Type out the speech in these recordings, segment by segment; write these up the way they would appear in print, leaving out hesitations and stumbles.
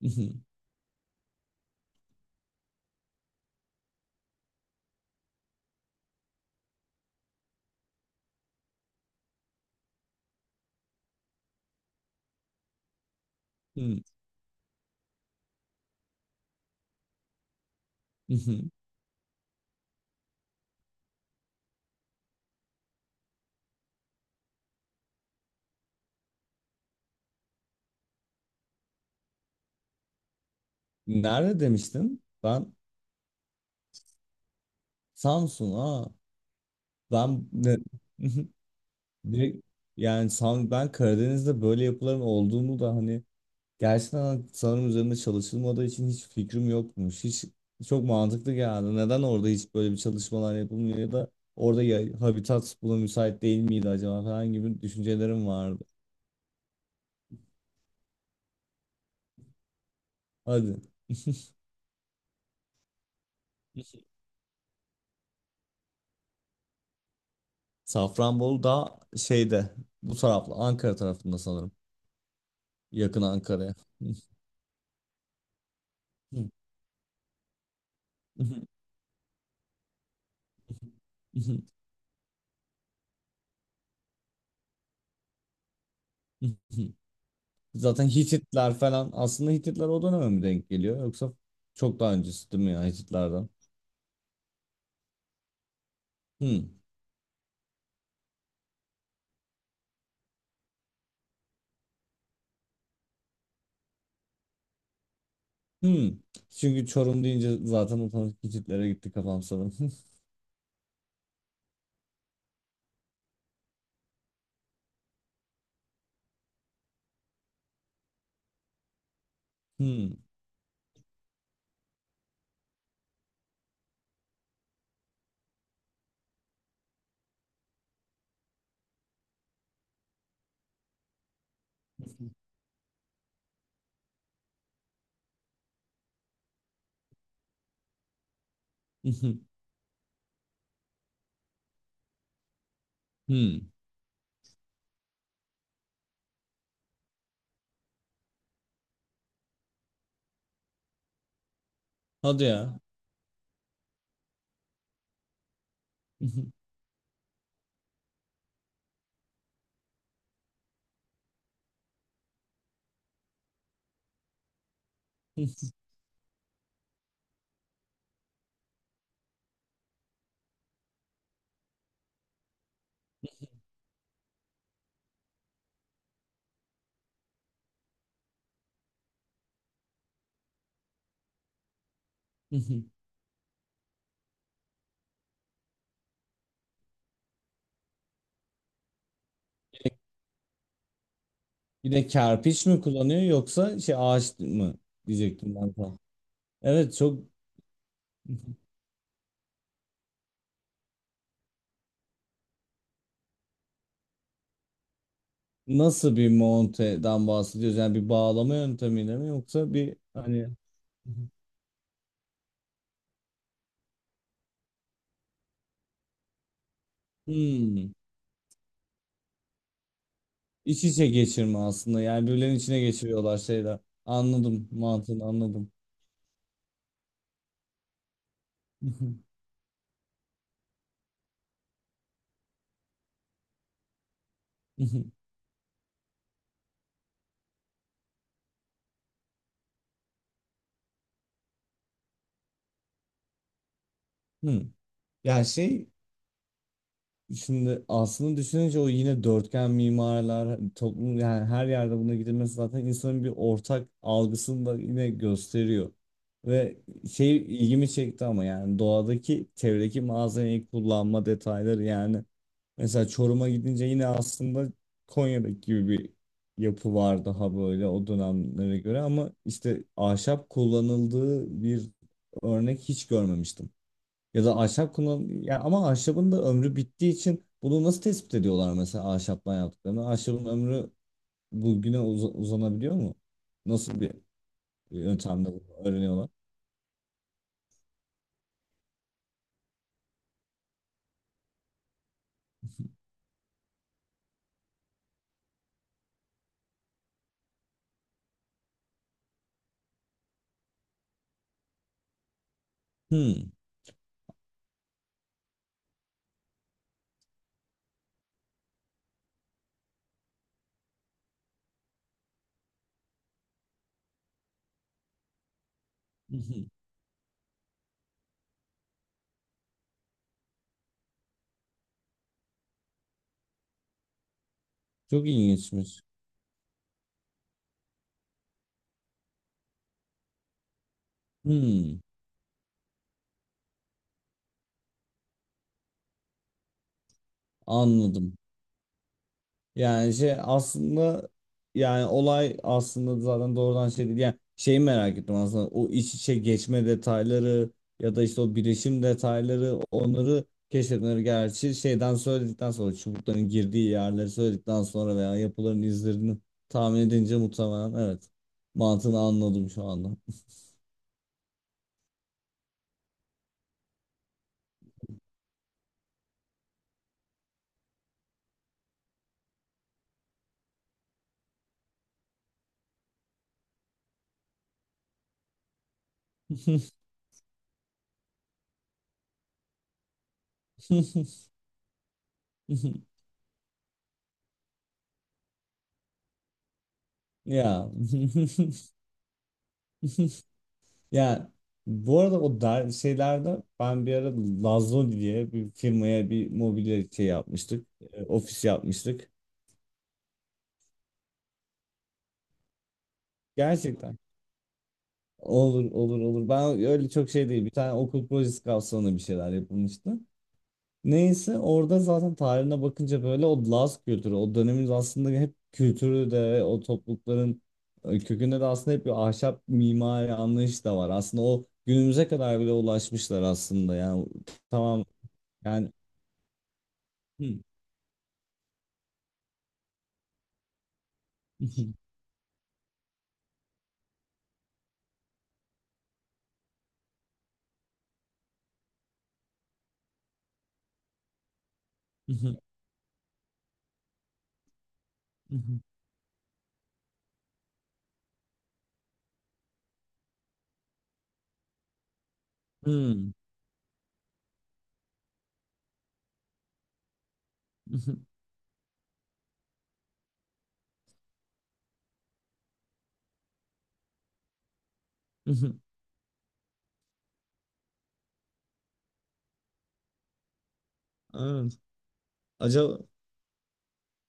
Mhm, mhm, mhm. Nerede demiştin? Ben Samsun. Aa, ben ne? Mhm. Direkt- Yani ben Karadeniz'de böyle yapıların olduğunu da hani gerçekten hani sanırım üzerinde çalışılmadığı için hiç fikrim yokmuş. Hiç çok mantıklı geldi. Neden orada hiç böyle bir çalışmalar yapılmıyor ya da orada ya, habitat buna müsait değil miydi acaba falan gibi düşüncelerim vardı. Hadi. Safranbolu da şeyde bu taraflı Ankara tarafında sanırım. Yakın Ankara'ya. Zaten Hititler falan aslında Hititler o döneme mi denk geliyor yoksa çok daha öncesi değil mi ya Hititlerden? Hmm. Hmm. Çünkü Çorum deyince zaten otomatik Hititlere gitti kafam sanırım. Hmm. Hmm. Hadi ya. Yine de kerpiç mi kullanıyor yoksa şey ağaç mı diyecektim ben sana. Evet, çok nasıl bir monteden bahsediyoruz? Yani bir bağlama yöntemiyle mi yoksa bir hani hmm, iç içe geçirme aslında. Yani birbirlerinin içine geçiriyorlar şeyler. Anladım, mantığını anladım. Hmm. Yani şey, şimdi aslında düşününce o yine dörtgen mimarlar toplum, yani her yerde buna gidilmesi zaten insanın bir ortak algısını da yine gösteriyor. Ve şey, ilgimi çekti ama yani doğadaki çevredeki malzemeyi kullanma detayları yani. Mesela Çorum'a gidince yine aslında Konya'daki gibi bir yapı var daha böyle, o dönemlere göre ama işte ahşap kullanıldığı bir örnek hiç görmemiştim. Ya da ahşap kullan ya, ama ahşabın da ömrü bittiği için bunu nasıl tespit ediyorlar mesela ahşaptan yaptıklarını? Ahşabın ömrü bugüne uzanabiliyor mu? Nasıl bir yöntemle bunu öğreniyorlar? Hmm. Çok ilginçmiş. Hmm. Anladım. Yani şey aslında, yani olay aslında zaten doğrudan şey değil. Yani şeyi merak ettim aslında, o iç içe geçme detayları ya da işte o birleşim detayları, onları keşfetmeleri, gerçi şeyden söyledikten sonra, çubukların girdiği yerleri söyledikten sonra veya yapıların izlerini tahmin edince muhtemelen evet, mantığını anladım şu anda. Ya. Yani bu arada o şeylerde ben bir ara Lazlo diye bir firmaya bir mobilya şey yapmıştık. Ofis yapmıştık. Gerçekten. Olur, olur, olur. Ben öyle çok şey değil. Bir tane okul projesi kapsamında bir şeyler yapılmıştı. Neyse, orada zaten tarihine bakınca böyle o Laz kültürü, o dönemin aslında hep kültürü de o toplulukların kökünde de aslında hep bir ahşap mimari anlayış da var. Aslında o günümüze kadar bile ulaşmışlar aslında. Yani tamam, yani. Hı. Mhm, mhm, mhm. Hmm, mhm, mhm. Evet. Acaba.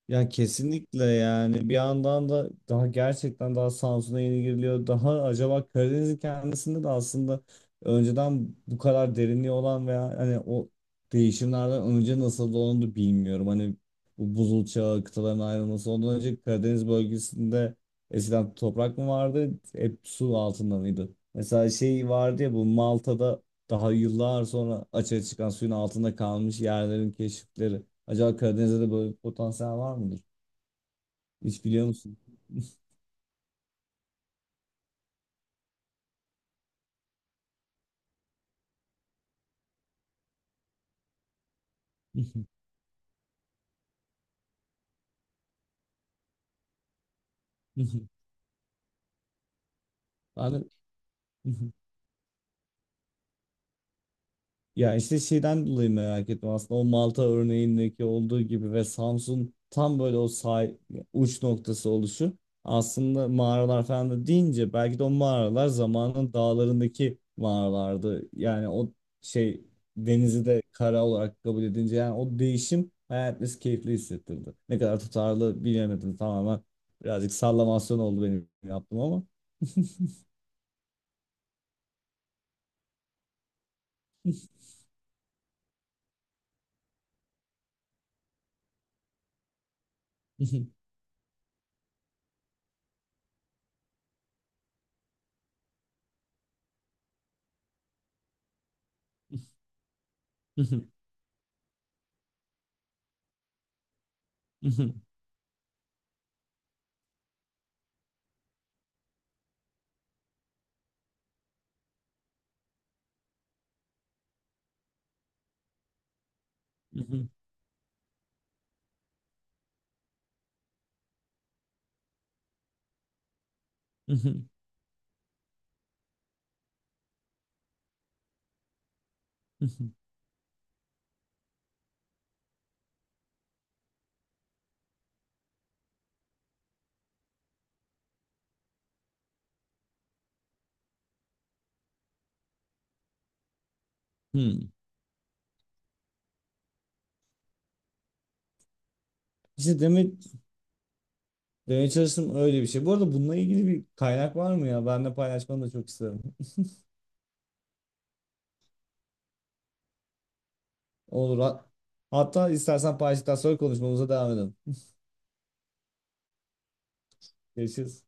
Ya kesinlikle, yani bir yandan da daha gerçekten daha Samsun'a yeni giriliyor. Daha acaba Karadeniz'in kendisinde de aslında önceden bu kadar derinliği olan veya hani o değişimlerden önce nasıl olduğunu da bilmiyorum. Hani bu buzul çağı, kıtaların ayrılması, ondan önce Karadeniz bölgesinde eskiden toprak mı vardı, hep su altında mıydı? Mesela şey vardı ya, bu Malta'da daha yıllar sonra açığa çıkan suyun altında kalmış yerlerin keşifleri. Acaba Karadeniz'de de böyle bir potansiyel var mıdır? Hiç biliyor musun? Ben de. Ya işte şeyden dolayı merak ettim aslında, o Malta örneğindeki olduğu gibi. Ve Samsun tam böyle o uç noktası oluşu, aslında mağaralar falan da deyince belki de o mağaralar zamanın dağlarındaki mağaralardı. Yani o şey, denizi de kara olarak kabul edince yani o değişim hayatımız keyifli hissettirdi. Ne kadar tutarlı bilemedim, tamamen birazcık sallamasyon oldu benim, yaptım ama. Hmm. İşte demek, demeye çalıştım öyle bir şey. Bu arada bununla ilgili bir kaynak var mı ya? Ben de paylaşmanı da çok isterim. Olur. Hatta istersen paylaştıktan sonra konuşmamıza devam edelim. Görüşürüz.